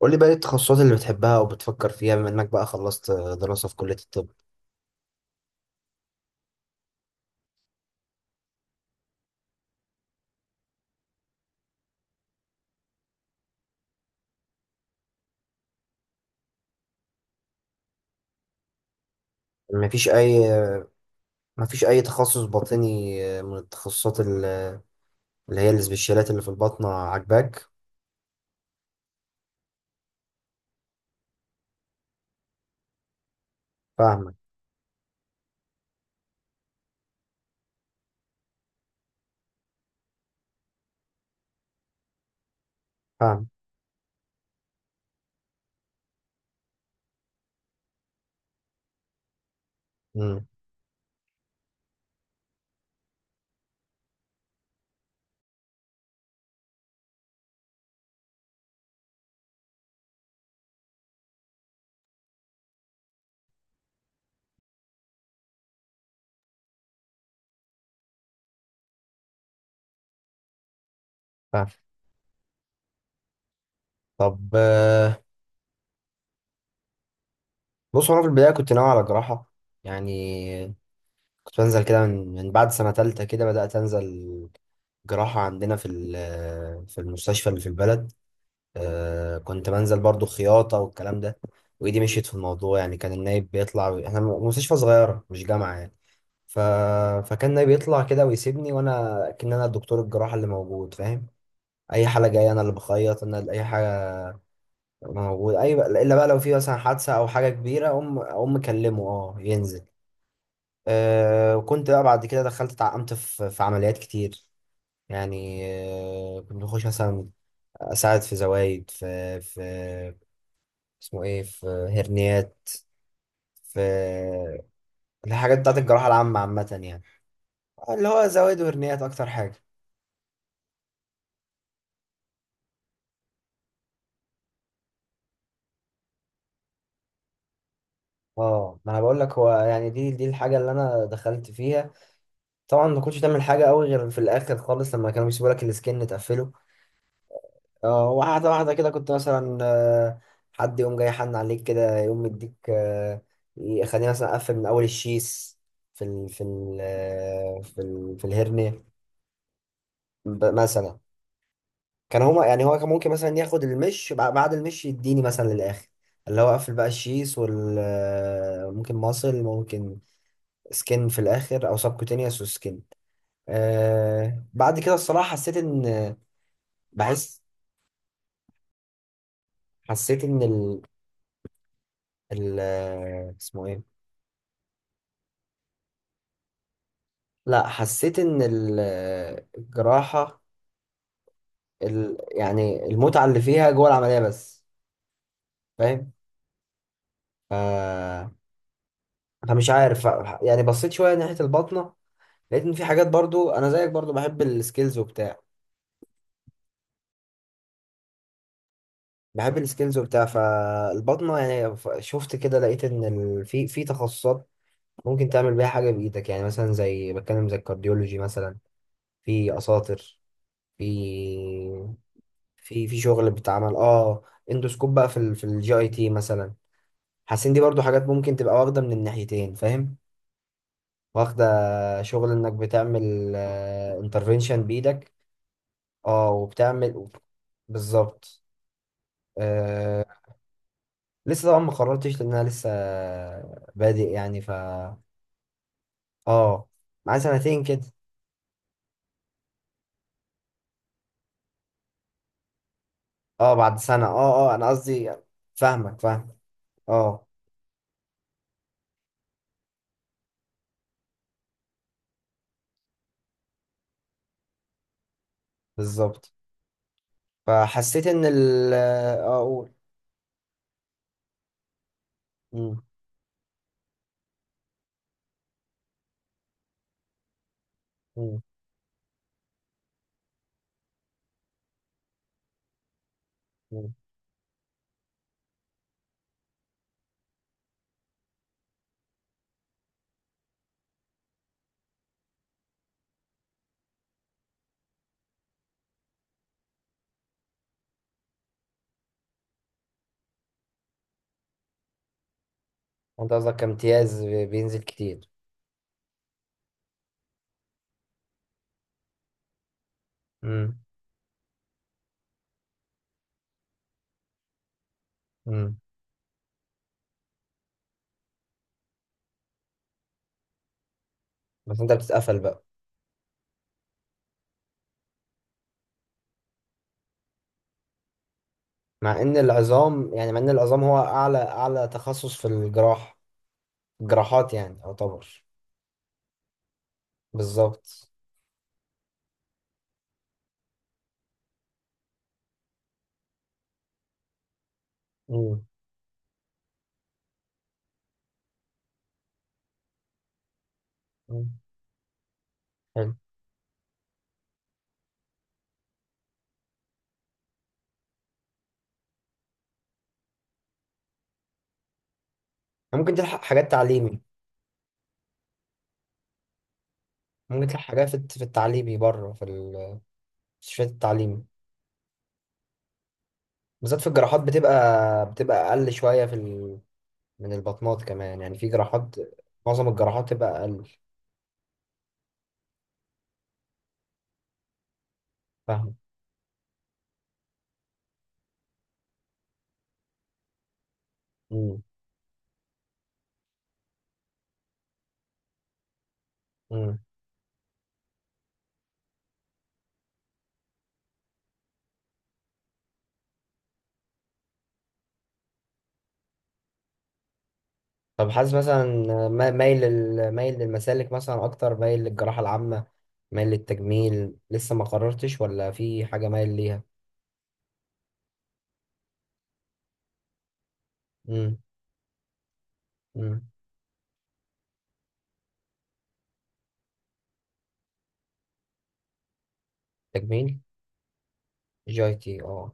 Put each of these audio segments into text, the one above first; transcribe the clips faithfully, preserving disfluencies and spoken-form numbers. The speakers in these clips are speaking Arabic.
قول لي بقى ايه التخصصات اللي بتحبها او بتفكر فيها بما انك بقى خلصت دراسة في كلية الطب؟ مفيش اي مفيش اي تخصص باطني من التخصصات ال- اللي هي السبيشالات اللي في الباطنة عاجباك؟ فاهمك. فاهم. امم. فاهم. طب، آه، بص، هو انا في البداية كنت ناوي على جراحة. يعني كنت بنزل كده من من بعد سنة تالتة، كده بدأت انزل جراحة عندنا في ال- في المستشفى اللي في البلد. آه كنت بنزل برضو خياطة والكلام ده. وإيدي مشيت في الموضوع، يعني كان النايب بيطلع، إحنا م- مستشفى صغيرة، مش جامعة يعني. ف... فكان النايب يطلع كده ويسيبني، وأنا كأن أنا الدكتور الجراحة اللي موجود، فاهم؟ أي حالة جاية، أنا اللي بخيط، أنا اللي أي حاجة موجود، أي بقى... إلا بقى لو في مثلا حادثة أو حاجة كبيرة، أقوم أقوم مكلمه أه ينزل. آه وكنت بقى بعد كده دخلت اتعقمت في, في عمليات كتير يعني. آه كنت بخش مثلا اساعد في زوايد، في في اسمه ايه، في هرنيات، في الحاجات بتاعت الجراحة العامة، عامة يعني. اللي هو زوايد وهرنيات أكتر حاجة. اه ما انا بقول لك، هو يعني دي دي الحاجه اللي انا دخلت فيها. طبعا ما كنتش تعمل حاجه قوي غير في الاخر خالص، لما كانوا بيسيبوا لك السكن تقفله. اه واحده واحده كده كنت مثلا، آه، حد يقوم جاي حن عليك كده، يقوم مديك آه، يخليني مثلا اقفل من اول الشيس في ال في ال آه، في ال في الهرنيه. ب- مثلا كان هما يعني، هو كان ممكن مثلا ياخد المش، بع- بعد المش يديني مثلا للاخر، اللي هو اقفل بقى الشيس، وال آه، ممكن ماسل، ممكن سكين في الاخر، او سبكوتينيوس وسكين. آه بعد كده الصراحه، حسيت ان بحس حسيت ان ال, ال... آه، اسمه ايه. لا، حسيت ان ال... الجراحه، ال... يعني المتعه اللي فيها جوه العمليه بس. فاهم. آه. فمش عارف يعني، بصيت شويه ناحيه البطنه، لقيت ان في حاجات، برضو انا زيك برضو، بحب السكيلز وبتاع بحب السكيلز وبتاع فالبطنه يعني، ف- شفت كده، لقيت ان ال- في في تخصصات ممكن تعمل بيها حاجه بايدك، يعني مثلا زي، بتكلم، زي الكارديولوجي مثلا، في اساطر، في في في شغل بتعمل اه اندوسكوب بقى في ال في الجي اي تي مثلا. حاسس ان دي برضو حاجات ممكن تبقى واخده من الناحيتين، فاهم؟ واخده شغل انك بتعمل انترفينشن بايدك. اه وبتعمل. بالظبط. آه. لسه طبعا ما قررتش، لان انا لسه بادئ يعني، ف اه معايا سنتين كده. اه، بعد سنة اه اه انا قصدي. فاهمك، فاهمك. اه بالظبط، فحسيت ان ال اه اقول. مم. مم. مم. انت قصدك كامتياز بينزل كتير؟ مم. مم. بس انت بتتقفل بقى. مع ان العظام يعني مع ان العظام، هو اعلى اعلى تخصص في الجراح، الجراحات يعني يعتبر. بالظبط. مم. مم. حلو. ممكن تلحق حاجات تعليمي، ممكن يطلع حاجات في في التعليمي بره، في المستشفيات التعليمي، بالذات في الجراحات، بتبقى بتبقى أقل شوية في ال... من البطنات كمان، يعني في جراحات، معظم الجراحات تبقى أقل. فاهم. مم. مم. طب، حاسس مثلا، ما- مايل لل... مايل للمسالك مثلا، أكتر مايل للجراحة العامة، مايل للتجميل؟ لسه ما قررتش، ولا في حاجة مايل ليها؟ مم. مم. تجميل. جايتي، اه.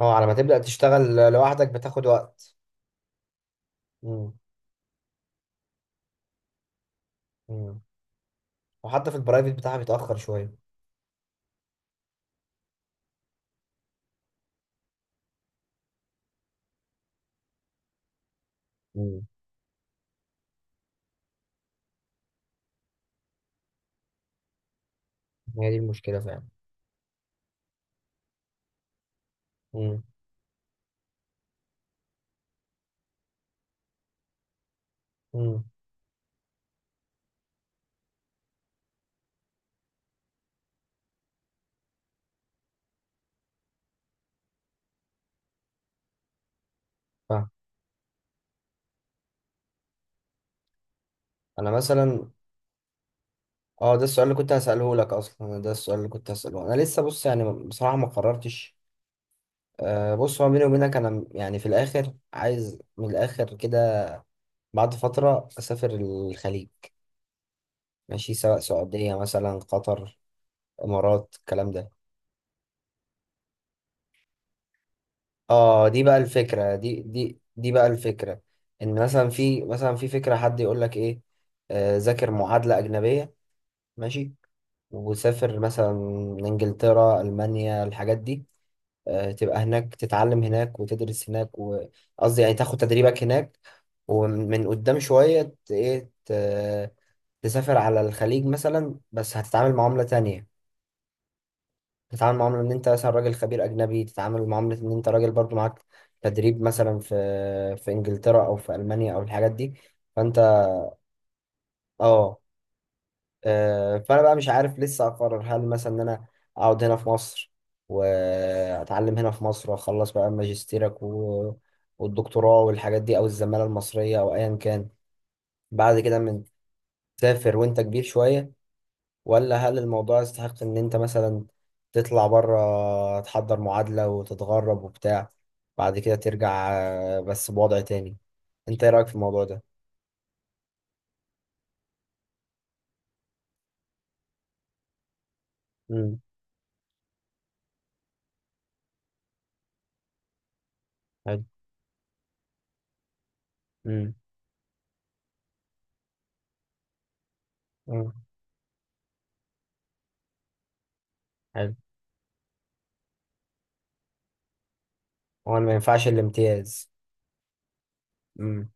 اه على ما تبدأ تشتغل لوحدك بتاخد وقت. مم. مم. وحتى في البرايفت بتاعها بيتأخر شوية. مم. هي دي المشكلة فعلا. مم. مم. فاهم. أنا مثلا، اه ده السؤال اللي كنت هسأله لك أصلا أنا ده السؤال اللي كنت هسأله. أنا لسه، بص يعني بصراحة ما قررتش. آه بص، هو بيني وبينك، أنا م- يعني في الآخر عايز، من الآخر كده، بعد فترة أسافر الخليج، ماشي، سواء سعودية مثلا، قطر، إمارات، الكلام ده. اه دي بقى الفكرة، دي دي دي بقى الفكرة، إن مثلا، في مثلا في فكرة، حد يقول لك إيه، آه ذاكر معادلة أجنبية، ماشي، وسافر مثلا، انجلترا، المانيا، الحاجات دي، آه، تبقى هناك، تتعلم هناك، وتدرس هناك، وقصدي يعني تاخد تدريبك هناك، ومن قدام شوية، ت- ايه ت- تسافر على الخليج مثلا، بس هتتعامل معاملة تانية، تتعامل معاملة ان انت مثلا راجل خبير اجنبي، تتعامل معاملة ان انت راجل برضو معاك تدريب، مثلا في في انجلترا او في المانيا او الحاجات دي، فانت. اه آه، فانا بقى مش عارف لسه اقرر، هل مثلا ان انا اقعد هنا في مصر، واتعلم هنا في مصر، واخلص بقى ماجستيرك و... والدكتوراه والحاجات دي، او الزماله المصريه او ايا كان، بعد كده من تسافر وانت كبير شويه، ولا هل الموضوع يستحق ان انت مثلا تطلع بره، تحضر معادله وتتغرب وبتاع، بعد كده ترجع، آه، بس بوضع تاني. انت ايه رايك في الموضوع ده؟ امم حلو. امم حلو. هو ما ينفعش الامتياز؟ امم.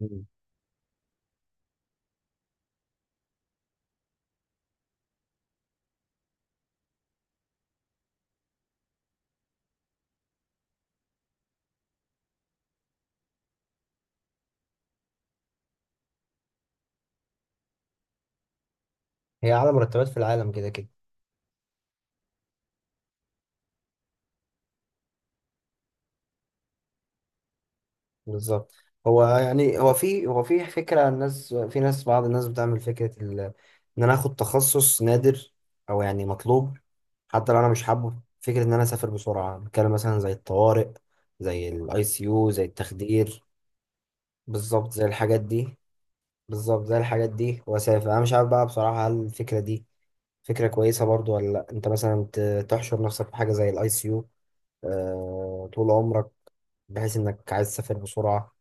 مم. هي أعلى مرتبات في العالم كده كده. بالظبط. هو يعني، هو في هو في فكرة الناس، في ناس بعض الناس بتعمل فكرة ال... إن أنا آخد تخصص نادر، أو يعني مطلوب. حتى لو أنا مش حابه فكرة إن أنا أسافر بسرعة، بتكلم مثلا زي الطوارئ، زي الأي سي يو، زي التخدير. بالظبط، زي الحاجات دي. بالظبط، زي الحاجات دي وأسافر. أنا مش عارف بقى بصراحة، هل الفكرة دي فكرة كويسة برضو، ولا لأ. أنت مثلا ت- تحشر نفسك في حاجة زي الأي سي يو، آه، طول عمرك، بحيث انك عايز تسافر بسرعة.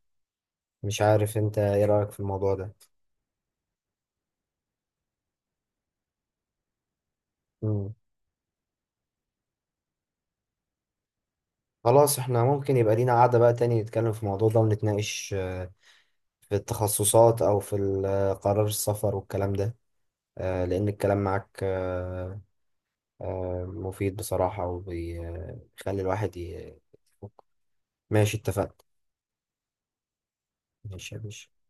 مش عارف، انت ايه رأيك في الموضوع ده؟ مم. خلاص، احنا ممكن يبقى لينا قعدة بقى تاني، نتكلم في الموضوع ده ونتناقش آه، في التخصصات، او في ال- آه، قرار السفر والكلام ده، آه، لان الكلام معاك، آه، آه، مفيد بصراحة، وبيخلي الواحد ي- ماشي، اتفقنا. ماشي يا باشا.